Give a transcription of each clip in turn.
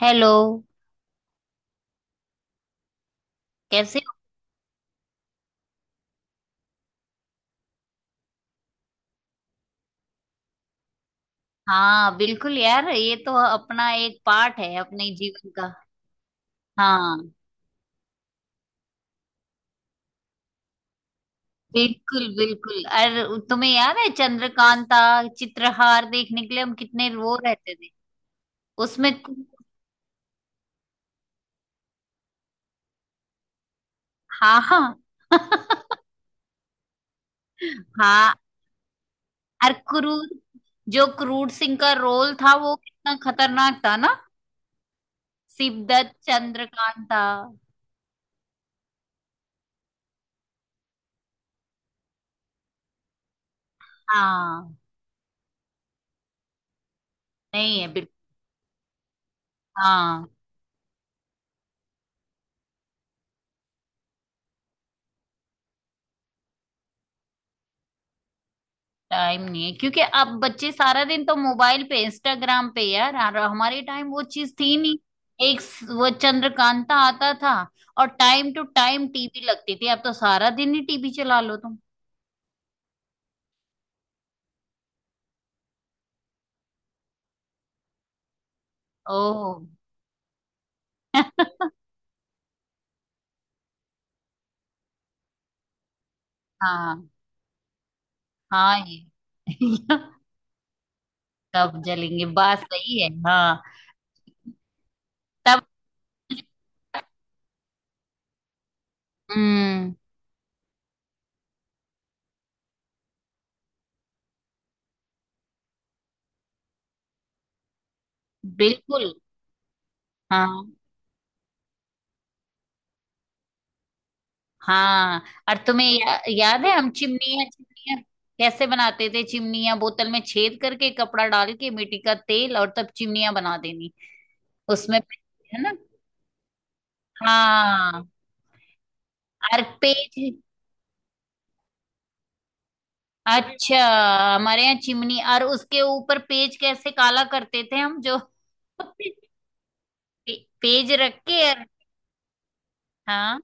Hello. कैसे हो? हाँ, बिल्कुल यार, ये तो अपना एक पार्ट है अपने जीवन का। हाँ, बिल्कुल बिल्कुल। और तुम्हें याद है चंद्रकांता? चित्रहार देखने के लिए हम कितने रो रहते थे। उसमें कु- हाँ, हाँ। हाँ। और क्रूर, जो क्रूर सिंह का रोल था वो कितना खतरनाक था ना। सिद्धार्थ चंद्रकांता। हाँ। नहीं है बिल्कुल। हाँ, टाइम नहीं है क्योंकि अब बच्चे सारा दिन तो मोबाइल पे इंस्टाग्राम पे यार, और हमारे टाइम वो चीज थी नहीं। वो चंद्रकांता आता था। और टाइम टू टाइम टीवी लगती थी, अब तो सारा दिन ही टीवी चला लो तुम। ओह। हाँ, हाँ ये। तब जलेंगे, बात सही है हाँ। तब। हम्म। बिल्कुल। हाँ, हाँ। और तुम्हें याद है हम चिमनियाँ चिमनियाँ कैसे बनाते थे? चिमनियाँ बोतल में छेद करके, कपड़ा डाल के मिट्टी का तेल, और तब चिमनियाँ बना देनी। उसमें, है ना। हाँ। और पेज। अच्छा, हमारे यहाँ चिमनी और उसके ऊपर पेज कैसे काला करते थे हम, जो पे- पेज रख के। हाँ,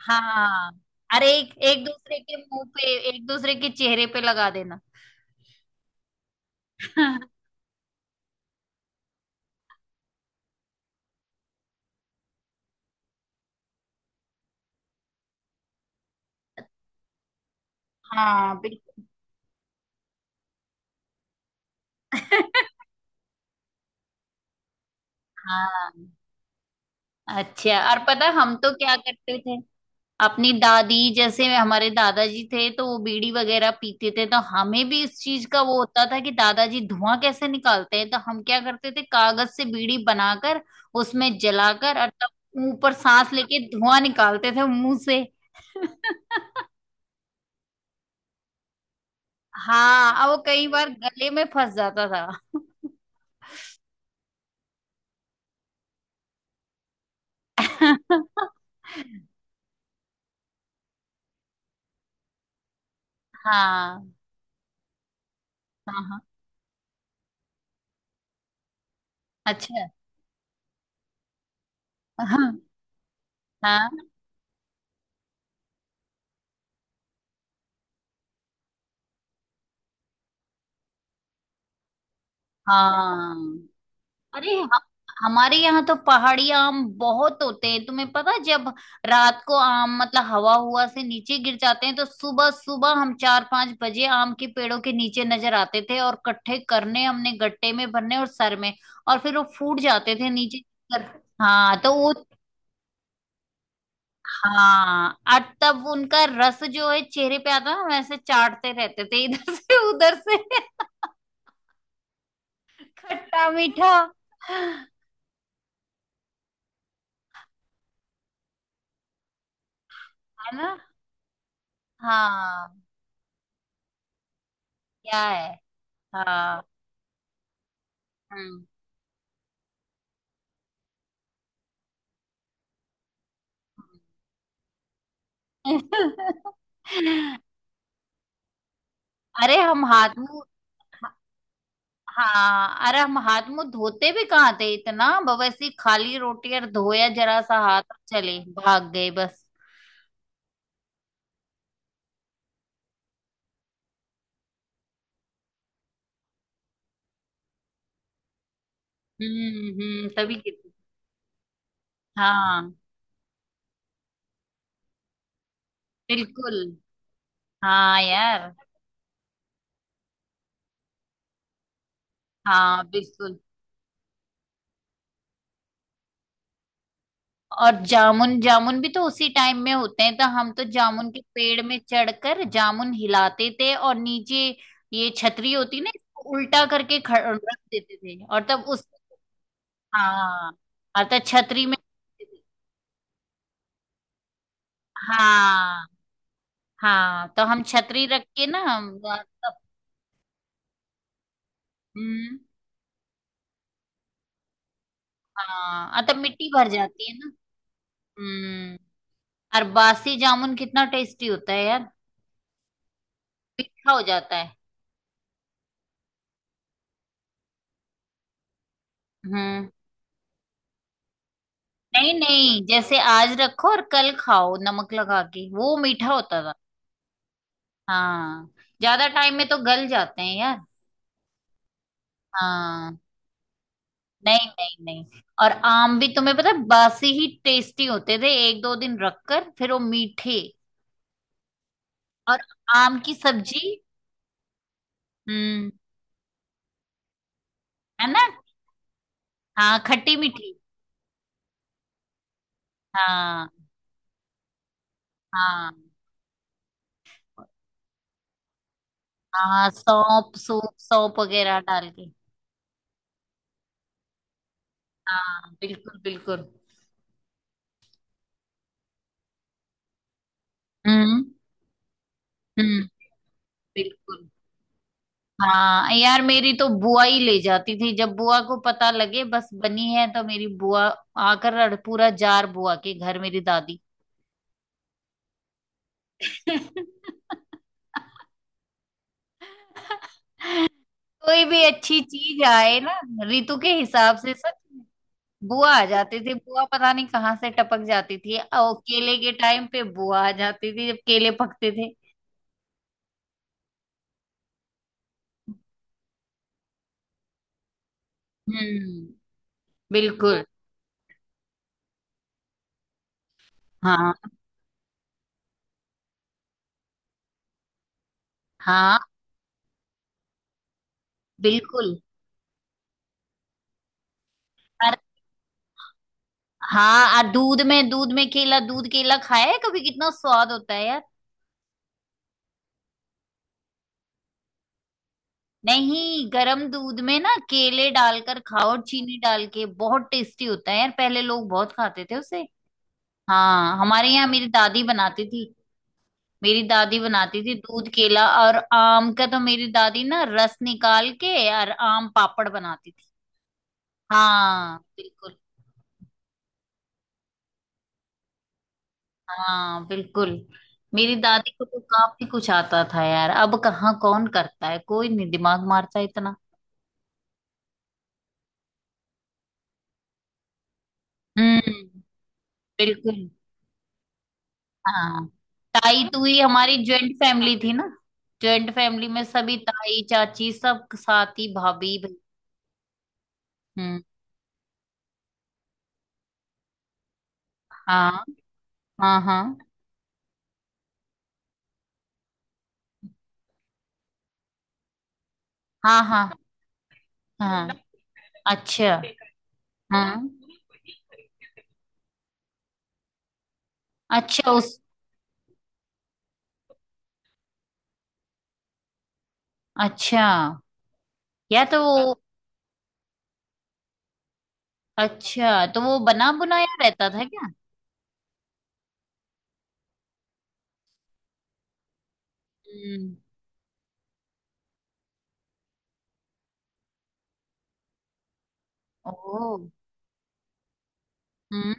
हाँ। अरे, एक एक दूसरे के मुंह पे, एक दूसरे के चेहरे पे लगा देना। हाँ, बिल्कुल। हाँ। अच्छा, और पता हम तो क्या करते थे? अपनी दादी, जैसे हमारे दादाजी थे तो वो बीड़ी वगैरह पीते थे, तो हमें भी इस चीज का वो होता था कि दादाजी धुआं कैसे निकालते हैं, तो हम क्या करते थे, कागज से बीड़ी बनाकर उसमें जलाकर, और तब मुंह पर सांस लेके धुआं निकालते थे मुंह से। हाँ, और वो कई बार गले में फंस जाता था। हाँ, हाँ, हाँ। अच्छा। हाँ, हाँ, हाँ। अरे ह- हमारे यहाँ तो पहाड़ी आम बहुत होते हैं, तुम्हें पता है, जब रात को आम मतलब हवा हुआ से नीचे गिर जाते हैं तो सुबह सुबह हम 4-5 बजे आम के पेड़ों के नीचे नजर आते थे, और कट्ठे करने हमने गट्टे में भरने और सर में, और फिर वो फूट जाते थे नीचे गिर कर। हाँ, तो वो, हाँ, और तब उनका रस जो है चेहरे पे आता, हम ऐसे चाटते रहते थे इधर से उधर से। खट्टा मीठा है ना। हाँ। क्या है। हाँ। हम्म, हम्म। अरे हम हाथ मुंह, हाँ, अरे हम हाथ मुंह धोते भी कहाँ थे, इतना बवैसी खाली रोटी और धोया जरा सा हाथ और चले भाग गए बस। हम्म, हम्म, तभी कितनी। हाँ, बिल्कुल। हाँ यार। हाँ, बिल्कुल। और जामुन, जामुन भी तो उसी टाइम में होते हैं, तो हम तो जामुन के पेड़ में चढ़कर जामुन हिलाते थे, और नीचे ये छतरी होती ना, इसको उल्टा करके रख देते थे, और तब उस, हाँ, अर्थात छतरी में। हाँ, हाँ, तो हम छतरी रख के ना हम तब। हम्म। हाँ, तब मिट्टी भर जाती है ना। हम्म। और बासी जामुन कितना टेस्टी होता है यार, मीठा हो जाता है। हम्म। नहीं नहीं, जैसे आज रखो और कल खाओ, नमक लगा के वो मीठा होता था। हाँ, ज्यादा टाइम में तो गल जाते हैं यार। हाँ, नहीं नहीं नहीं, और आम भी तुम्हें पता है, बासी ही टेस्टी होते थे, एक दो दिन रखकर फिर वो मीठे। और आम की सब्जी। हम्म, है ना। हाँ, खट्टी मीठी। हाँ, हाँ, हाँ, सौंप सूप सौंप वगैरह डाल के। हाँ, बिल्कुल बिल्कुल। हम्म, हम्म, बिल्कुल। हाँ यार, मेरी तो बुआ ही ले जाती थी, जब बुआ को पता लगे बस बनी है तो मेरी बुआ आकर पूरा जार बुआ के घर, मेरी दादी। कोई भी अच्छी चीज आए ना, ऋतु के हिसाब से, सच में। बुआ आ जाती थी, बुआ पता नहीं कहाँ से टपक जाती थी, और केले के टाइम पे बुआ आ जाती थी जब केले पकते थे। हम्म, बिल्कुल। हाँ, हाँ, बिल्कुल। और हाँ, और दूध में केला, दूध केला खाया है कभी? कितना स्वाद होता है यार। नहीं, गरम दूध में ना केले डालकर खाओ और चीनी डाल के, बहुत टेस्टी होता है यार, पहले लोग बहुत खाते थे उसे। हाँ, हमारे यहाँ मेरी दादी बनाती थी। मेरी दादी बनाती थी दूध केला, और आम का तो मेरी दादी ना रस निकाल के और आम पापड़ बनाती थी। हाँ, बिल्कुल। हाँ, बिल्कुल। मेरी दादी को तो काफी कुछ आता था यार, अब कहाँ कौन करता है, कोई नहीं दिमाग मारता इतना। हम्म, बिल्कुल। हाँ, ताई तुई, हमारी ज्वाइंट फैमिली थी ना, ज्वाइंट फैमिली में सभी ताई चाची सब साथी भाभी भाई। हम्म। हाँ, हाँ, हाँ, हाँ, हाँ, हाँ, हाँ। अच्छा। हाँ। अच्छा। हाँ उस। अच्छा। या तो हाँ, वो, अच्छा तो वो बना बुनाया रहता था क्या? हम्म। ओ। हम्म।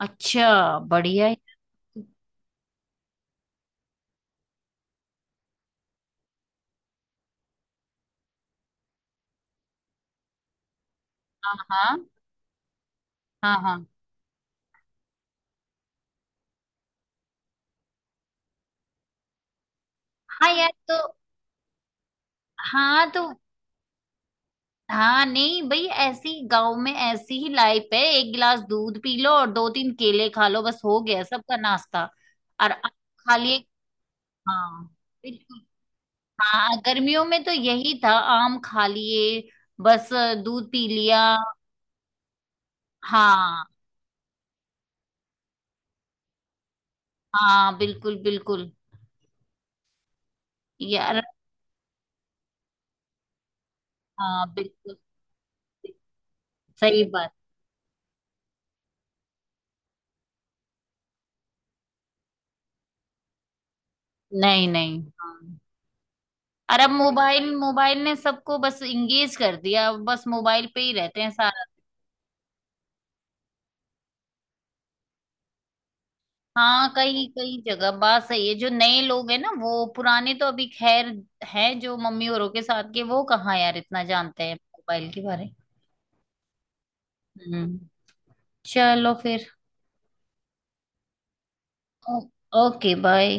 अच्छा, बढ़िया है। हाँ, हाँ, हाँ, हाँ, हाँ यार, तो हाँ, तो हाँ, नहीं भाई, ऐसी गांव में ऐसी ही लाइफ है, एक गिलास दूध पी लो और दो तीन केले खा लो, बस हो गया सबका नाश्ता। और आप खाली एक, हाँ, बिल्कुल। हाँ, गर्मियों में तो यही था, आम खा लिए बस, दूध पी लिया। हाँ, हाँ, बिल्कुल बिल्कुल यार। हाँ, बिल्कुल। सही बात। नहीं नहीं हाँ। और अब मोबाइल मोबाइल ने सबको बस इंगेज कर दिया, अब बस मोबाइल पे ही रहते हैं सारा। हाँ, कई कई जगह बात सही है, जो नए लोग हैं ना वो, पुराने तो अभी खैर है, जो मम्मी औरों के साथ के वो कहाँ यार इतना जानते हैं मोबाइल के बारे में। हम्म। चलो फिर। ओ, ओके बाय।